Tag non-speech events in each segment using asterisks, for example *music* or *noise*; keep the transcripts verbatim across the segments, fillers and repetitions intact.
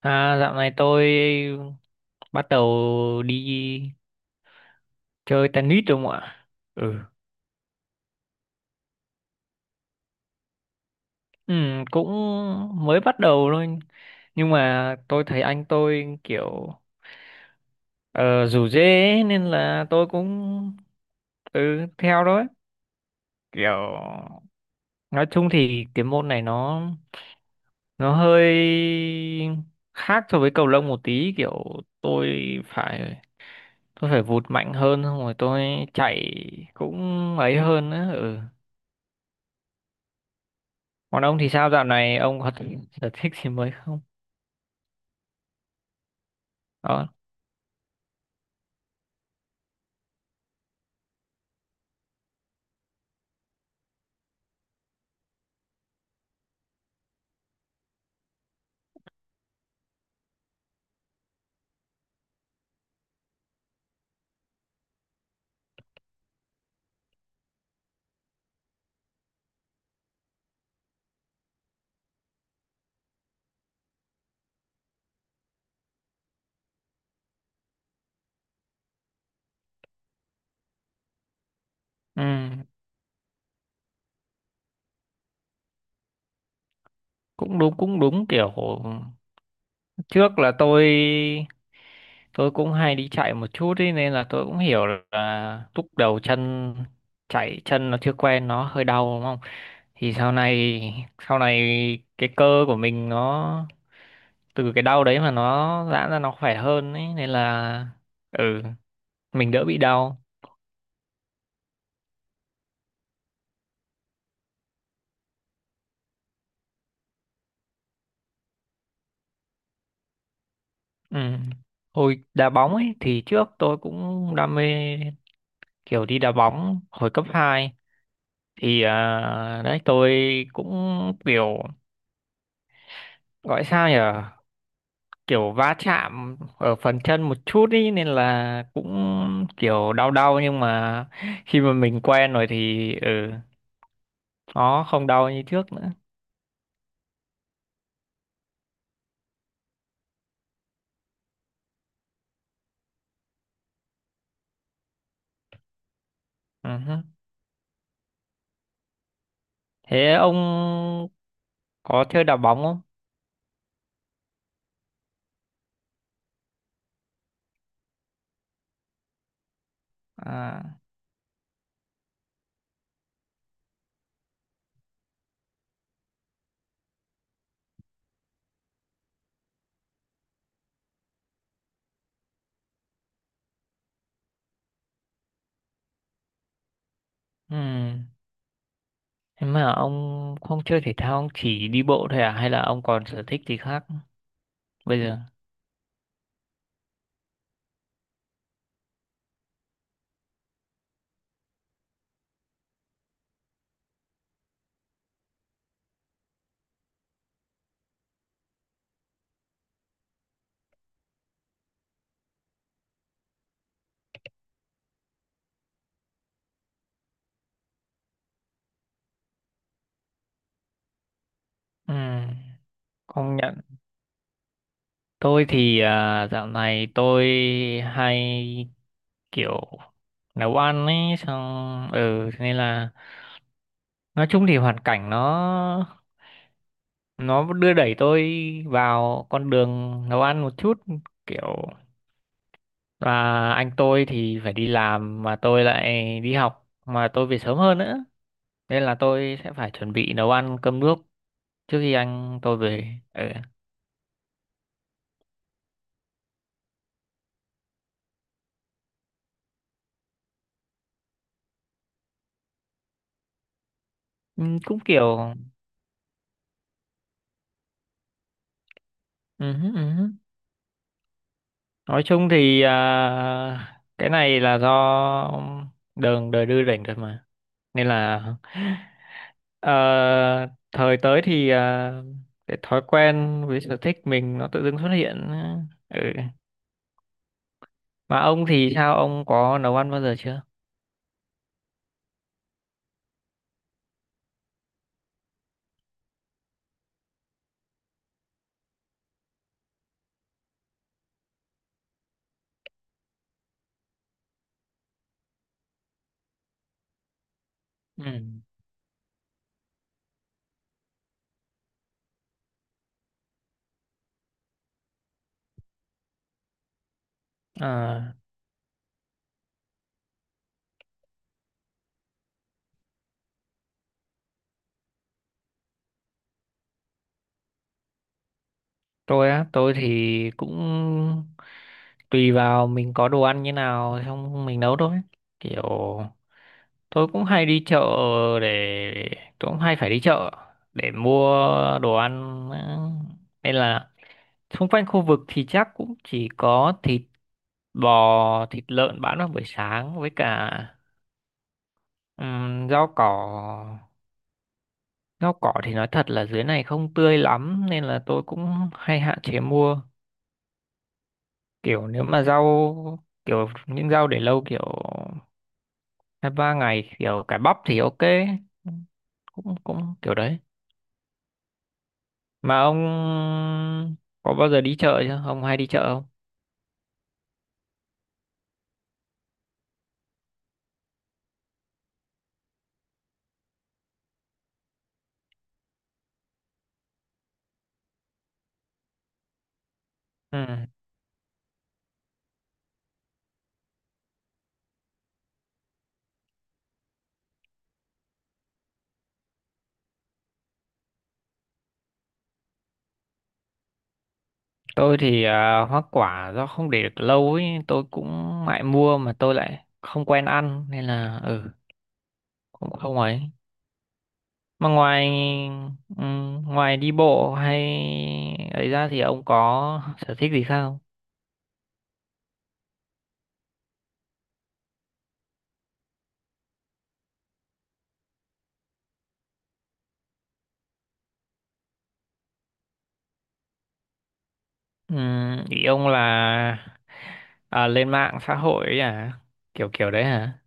À, dạo này tôi bắt đầu đi chơi tennis rồi không ạ? Ừ. Ừ, cũng mới bắt đầu thôi. Nhưng mà tôi thấy anh tôi kiểu ờ, rủ rê ấy, nên là tôi cũng ừ, theo đó ấy. Kiểu nói chung thì cái môn này nó nó hơi khác so với cầu lông một tí, kiểu tôi phải tôi phải vụt mạnh hơn, xong rồi tôi chạy cũng ấy hơn á, ừ. Còn ông thì sao, dạo này ông có sở thích gì mới không? Đó. Ừ. Cũng đúng, cũng đúng, kiểu trước là tôi tôi cũng hay đi chạy một chút ý, nên là tôi cũng hiểu là lúc đầu chân, chạy chân nó chưa quen nó hơi đau đúng không? Thì sau này sau này cái cơ của mình nó từ cái đau đấy mà nó giãn ra nó khỏe hơn ấy, nên là ừ, mình đỡ bị đau. Ừ. Hồi đá bóng ấy thì trước tôi cũng đam mê kiểu đi đá bóng hồi cấp hai, thì à, đấy tôi cũng kiểu gọi sao nhỉ, kiểu va chạm ở phần chân một chút ý, nên là cũng kiểu đau đau, nhưng mà khi mà mình quen rồi thì ừ, nó không đau như trước nữa. Ừ hứ. Thế ông có chơi đá bóng không? À, ừm. Thế mà ông không chơi thể thao, ông chỉ đi bộ thôi à? Hay là ông còn sở thích gì khác bây giờ? Ừ, công nhận. Tôi thì à, dạo này tôi hay kiểu nấu ăn ấy, xong ừ thế nên là nói chung thì hoàn cảnh nó nó đưa đẩy tôi vào con đường nấu ăn một chút, kiểu và anh tôi thì phải đi làm mà tôi lại đi học mà tôi về sớm hơn nữa, nên là tôi sẽ phải chuẩn bị nấu ăn cơm nước trước khi anh tôi về. Ừ. Ừ, cũng kiểu ừ, ừ. Nói chung thì à, cái này là do đường đời đưa đẩy rồi mà, nên là ờ, thời tới thì à, cái thói quen với sở thích mình nó tự dưng xuất hiện. Ừ. Mà ông thì sao, ông có nấu ăn bao giờ chưa? Ừ. à, tôi á tôi thì cũng tùy vào mình có đồ ăn như nào xong mình nấu thôi, kiểu tôi cũng hay đi chợ để tôi cũng hay phải đi chợ để mua đồ ăn á. Nên là xung quanh khu vực thì chắc cũng chỉ có thịt bò thịt lợn bán vào buổi sáng, với cả ừm, rau cỏ rau cỏ thì nói thật là dưới này không tươi lắm, nên là tôi cũng hay hạn chế mua, kiểu nếu mà rau kiểu những rau để lâu kiểu hai ba ngày kiểu cải bắp thì ok, cũng cũng kiểu đấy. Mà ông có bao giờ đi chợ chưa? Ông hay đi chợ không? Ừ. Tôi thì à, hoa quả do không để được lâu ấy, tôi cũng ngại mua mà tôi lại không quen ăn nên là ừ, cũng không ấy. Mà ngoài ừ, ngoài đi bộ hay ấy ra thì ông có sở thích gì khác không? Ừ, ý ông là à, lên mạng xã hội ấy à? Kiểu kiểu đấy hả?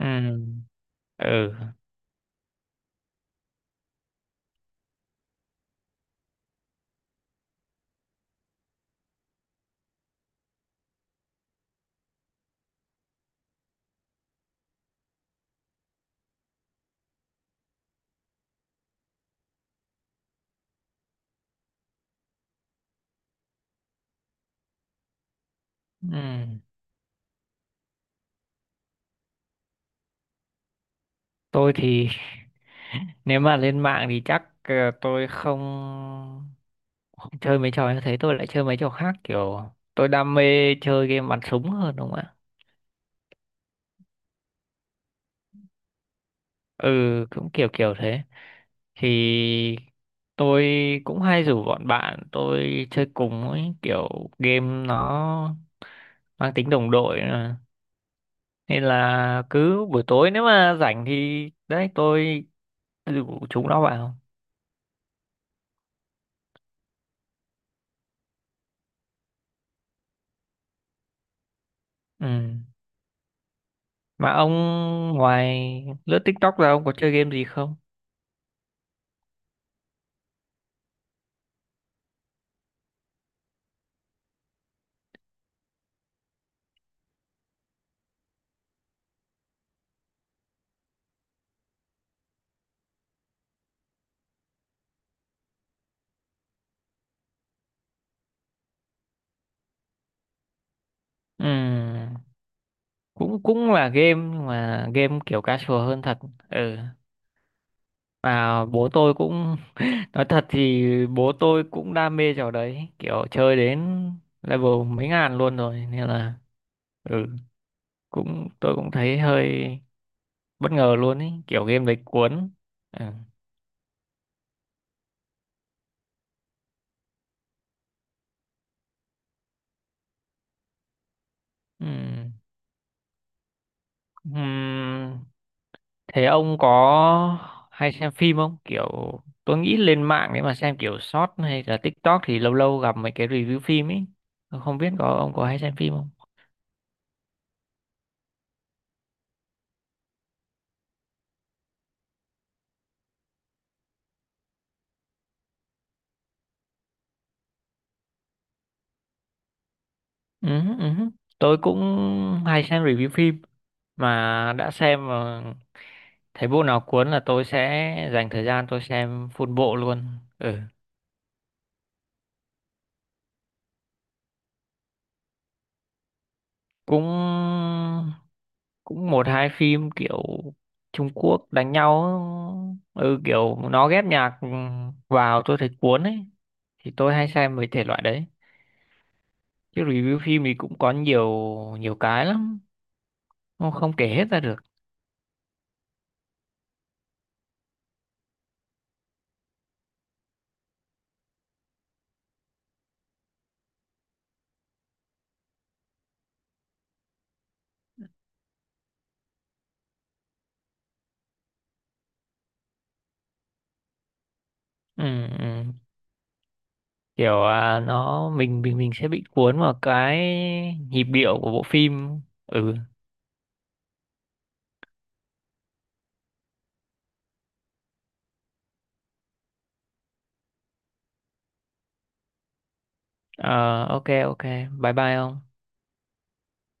Ừ. Ừ. Ừ. Tôi thì nếu mà lên mạng thì chắc ờ, tôi không không chơi mấy trò như thế, tôi lại chơi mấy trò khác kiểu tôi đam mê chơi game bắn súng hơn đúng không ạ? Ừ, cũng kiểu kiểu thế thì tôi cũng hay rủ bọn bạn tôi chơi cùng ấy, kiểu game nó mang tính đồng đội mà. Nên là cứ buổi tối nếu mà rảnh thì đấy tôi rủ chúng nó vào. Ừ. Mà ông ngoài lướt TikTok ra ông có chơi game gì không? Ừm, cũng cũng là game nhưng mà game kiểu casual hơn thật. Ừ. Mà bố tôi cũng *laughs* nói thật thì bố tôi cũng đam mê trò đấy, kiểu chơi đến level mấy ngàn luôn rồi, nên là ừ, cũng tôi cũng thấy hơi bất ngờ luôn ý, kiểu game đấy cuốn. Ừ. Ừm. Ừm, thế ông có hay xem phim không? Kiểu tôi nghĩ lên mạng để mà xem kiểu short hay là TikTok thì lâu lâu gặp mấy cái review phim ấy. Tôi không biết có ông có hay xem phim không? Ừ, ừ. Tôi cũng hay xem review phim, mà đã xem mà thấy bộ nào cuốn là tôi sẽ dành thời gian tôi xem full bộ luôn. Ừ. Cũng cũng một hai phim kiểu Trung Quốc đánh nhau, ừ kiểu nó ghép nhạc ừ, vào tôi thấy cuốn ấy, thì tôi hay xem mấy thể loại đấy, chứ review phim thì cũng có nhiều nhiều cái lắm, không, không kể hết ra được. Ừ, ừ. Kiểu à, nó mình mình mình sẽ bị cuốn vào cái nhịp điệu của bộ phim. Ừ. Ờ, ok ok, bye bye ông.